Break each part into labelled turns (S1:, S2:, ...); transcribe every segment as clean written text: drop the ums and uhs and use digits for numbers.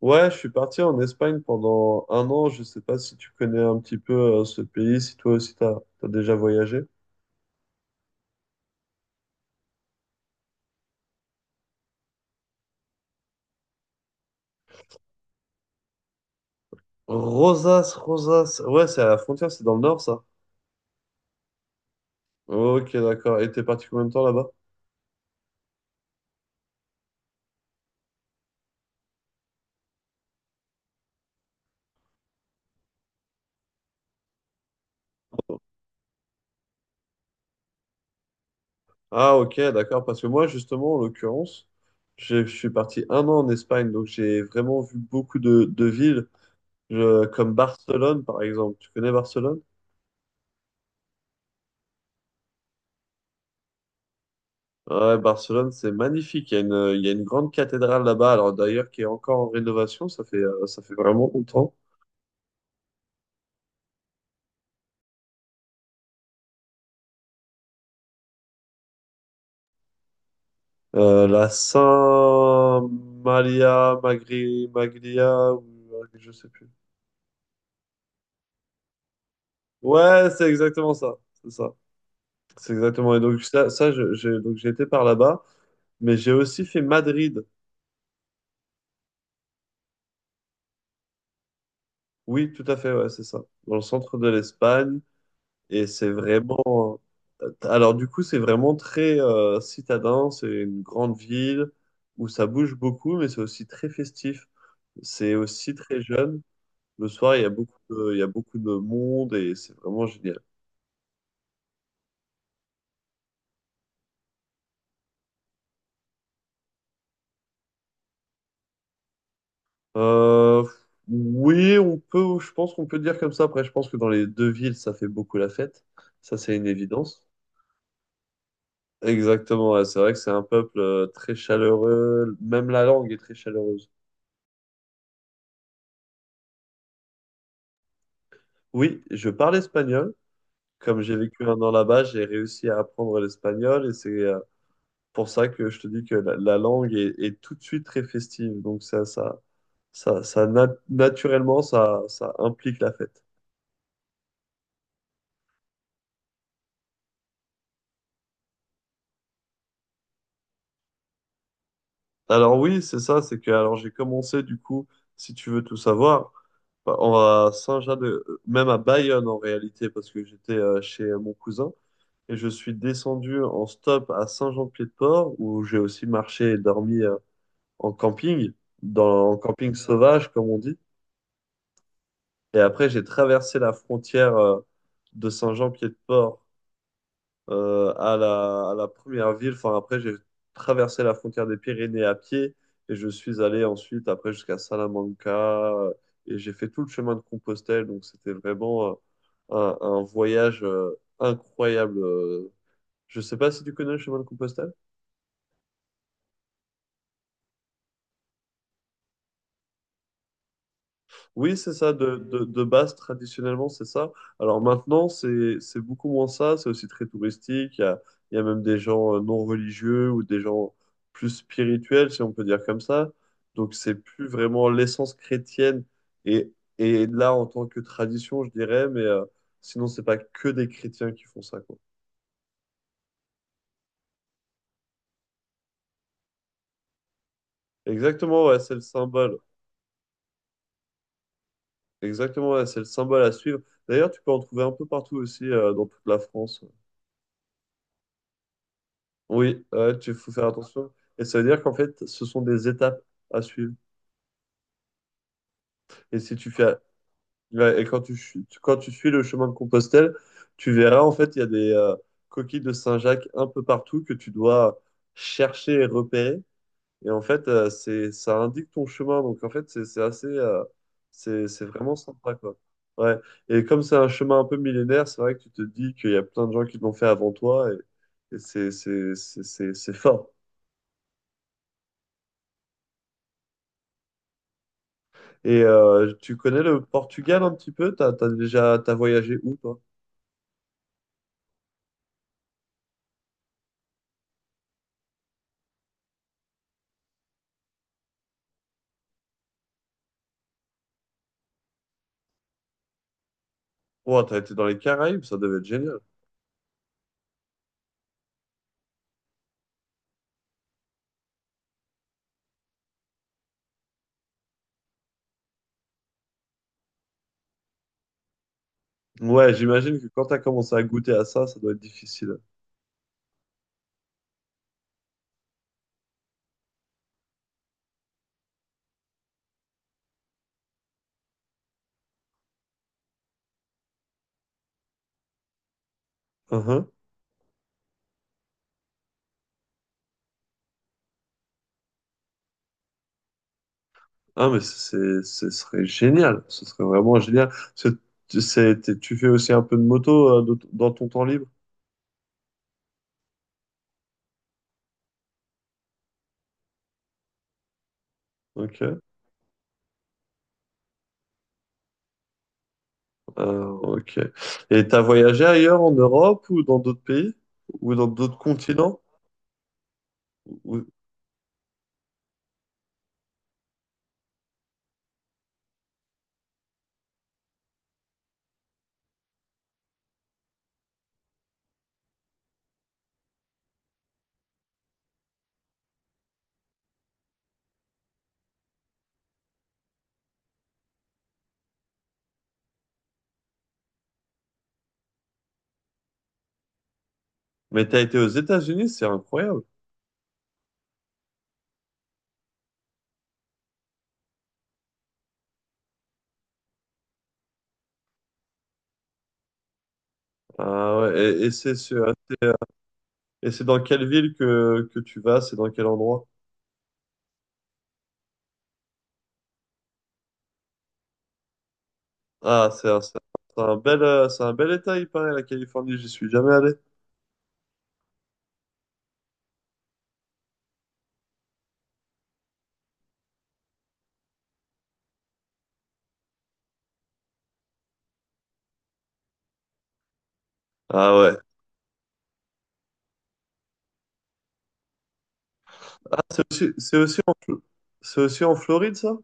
S1: Ouais, je suis parti en Espagne pendant un an. Je sais pas si tu connais un petit peu ce pays, si toi aussi t'as déjà voyagé. Rosas, Rosas. Ouais, c'est à la frontière, c'est dans le nord, ça. Ok, d'accord. Et t'es parti combien de temps là-bas? Ah, ok, d'accord. Parce que moi, justement, en l'occurrence, je suis parti un an en Espagne, donc j'ai vraiment vu beaucoup de villes, comme Barcelone, par exemple. Tu connais Barcelone? Ouais, Barcelone, c'est magnifique. Il y a une grande cathédrale là-bas, alors d'ailleurs qui est encore en rénovation, ça fait vraiment longtemps. La Saint Maria Maglia, ou je sais plus. Ouais, c'est exactement ça. C'est ça. C'est exactement. Et donc ça, j'ai été par là-bas, mais j'ai aussi fait Madrid. Oui, tout à fait, ouais, c'est ça. Dans le centre de l'Espagne. Et c'est vraiment. Alors, du coup, c'est vraiment très citadin. C'est une grande ville où ça bouge beaucoup, mais c'est aussi très festif. C'est aussi très jeune. Le soir, il y a beaucoup de monde et c'est vraiment génial. Euh, oui, on peut, je pense qu'on peut dire comme ça. Après, je pense que dans les deux villes, ça fait beaucoup la fête. Ça, c'est une évidence. Exactement, ouais, c'est vrai que c'est un peuple très chaleureux. Même la langue est très chaleureuse. Oui, je parle espagnol. Comme j'ai vécu un an là-bas, j'ai réussi à apprendre l'espagnol et c'est pour ça que je te dis que la langue est tout de suite très festive. Donc naturellement, ça implique la fête. Alors oui, c'est ça, c'est que alors j'ai commencé du coup, si tu veux tout savoir, à Saint-Jean de, même à Bayonne en réalité, parce que j'étais chez mon cousin et je suis descendu en stop à Saint-Jean-de-Pied-de-Port où j'ai aussi marché et dormi en camping, dans en camping sauvage comme on dit. Et après, j'ai traversé la frontière de Saint-Jean-Pied-de-Port à à la première ville. Enfin, après, j'ai traversé la frontière des Pyrénées à pied et je suis allé ensuite, après, jusqu'à Salamanca euh, et j'ai fait tout le chemin de Compostelle. Donc, c'était vraiment un voyage incroyable. Je sais pas si tu connais le chemin de Compostelle. Oui, c'est ça, de base, traditionnellement, c'est ça. Alors maintenant, c'est beaucoup moins ça, c'est aussi très touristique. Il y a même des gens non religieux ou des gens plus spirituels, si on peut dire comme ça. Donc c'est plus vraiment l'essence chrétienne. Et, et là, en tant que tradition, je dirais, mais sinon, c'est pas que des chrétiens qui font ça, quoi. Exactement, ouais, c'est le symbole. Exactement, ouais, c'est le symbole à suivre. D'ailleurs, tu peux en trouver un peu partout aussi, dans toute la France. Oui, ouais, tu faut faire attention. Et ça veut dire qu'en fait, ce sont des étapes à suivre. Et si tu fais, ouais, et quand tu suis le chemin de Compostelle, tu verras en fait, il y a des coquilles de Saint-Jacques un peu partout que tu dois chercher et repérer. Et en fait, ça indique ton chemin. Donc en fait, c'est assez, c'est vraiment sympa quoi. Ouais. Et comme c'est un chemin un peu millénaire, c'est vrai que tu te dis qu'il y a plein de gens qui l'ont fait avant toi et c'est fort. Et tu connais le Portugal un petit peu? T'as voyagé où, toi? Oh, t'as été dans les Caraïbes, ça devait être génial. Ouais, j'imagine que quand t'as commencé à goûter à ça, ça doit être difficile. Uhum. Ah, ce serait génial. Ce serait vraiment génial. Tu fais aussi un peu de moto dans ton temps libre. Ok. Ah, ok. Et t'as voyagé ailleurs en Europe ou dans d'autres pays? Ou dans d'autres continents? Ou- Mais t'as été aux États-Unis, c'est incroyable. Ah ouais, et c'est dans quelle ville que tu vas? C'est dans quel endroit? Ah, c'est un, c'est un c'est un c'est un bel état, il paraît, la Californie, j'y suis jamais allé. Ah ouais. C'est aussi en c'est aussi en Floride, ça?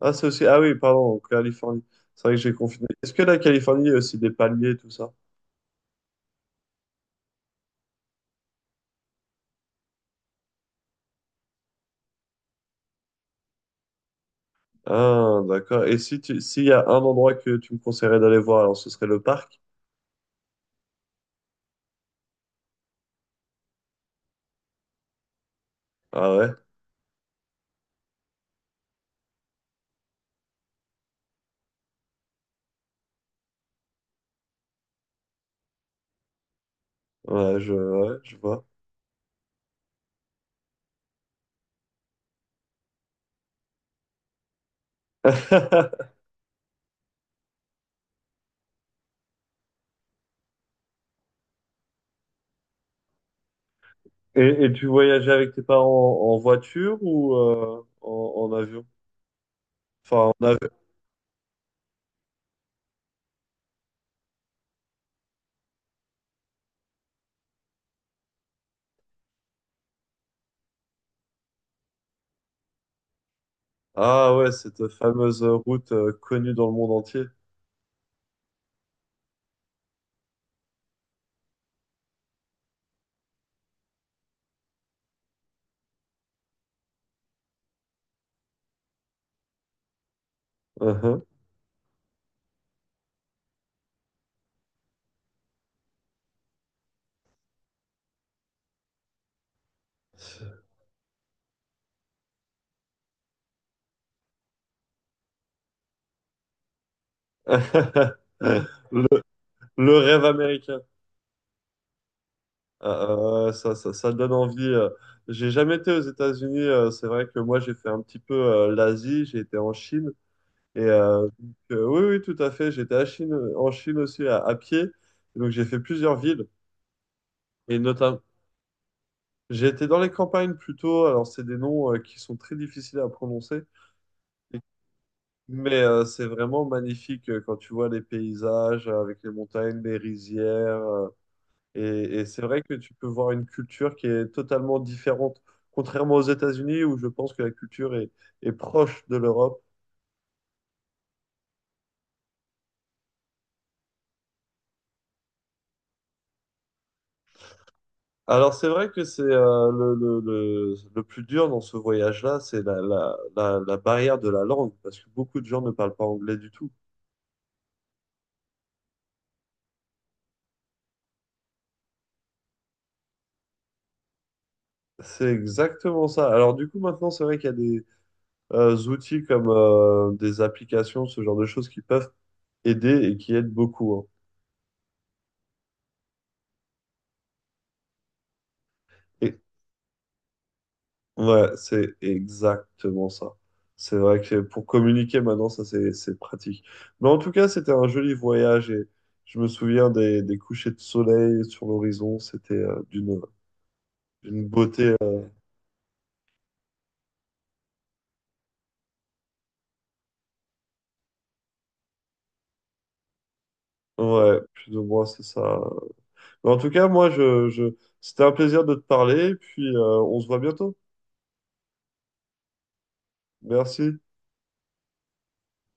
S1: Ah, c'est aussi, ah oui, pardon, en Californie. C'est vrai que j'ai confiné. Est-ce que la Californie, il y a aussi des palmiers, tout ça? Ah, d'accord. Et si tu, s'il y a un endroit que tu me conseillerais d'aller voir, alors ce serait le parc? Ah ouais, ouais, ouais, je vois. Et tu voyageais avec tes parents en voiture ou en avion? Enfin, en avion. Ah ouais, cette fameuse route connue dans le monde entier. Uhum. Le, le rêve américain. Ah, ça donne envie. J'ai jamais été aux États-Unis. C'est vrai que moi, j'ai fait un petit peu l'Asie. J'ai été en Chine. Et oui, oui, tout à fait. J'étais à Chine, en Chine aussi à pied. Et donc j'ai fait plusieurs villes. Et notamment, j'ai été dans les campagnes plutôt. Alors c'est des noms qui sont très difficiles à prononcer. Et- Mais c'est vraiment magnifique quand tu vois les paysages avec les montagnes, les rizières. Et c'est vrai que tu peux voir une culture qui est totalement différente. Contrairement aux États-Unis, où je pense que est proche de l'Europe. Alors c'est vrai que c'est le plus dur dans ce voyage-là, c'est la barrière de la langue, parce que beaucoup de gens ne parlent pas anglais du tout. C'est exactement ça. Alors du coup maintenant c'est vrai qu'il y a des outils comme des applications, ce genre de choses qui peuvent aider et qui aident beaucoup. Hein. Et, ouais, c'est exactement ça. C'est vrai que pour communiquer maintenant, ça c'est pratique. Mais en tout cas, c'était un joli voyage et je me souviens des couchers de soleil sur l'horizon. C'était d'une beauté. Ouais, plus ou moins, c'est ça. Mais en tout cas, je... c'était un plaisir de te parler, puis on se voit bientôt. Merci.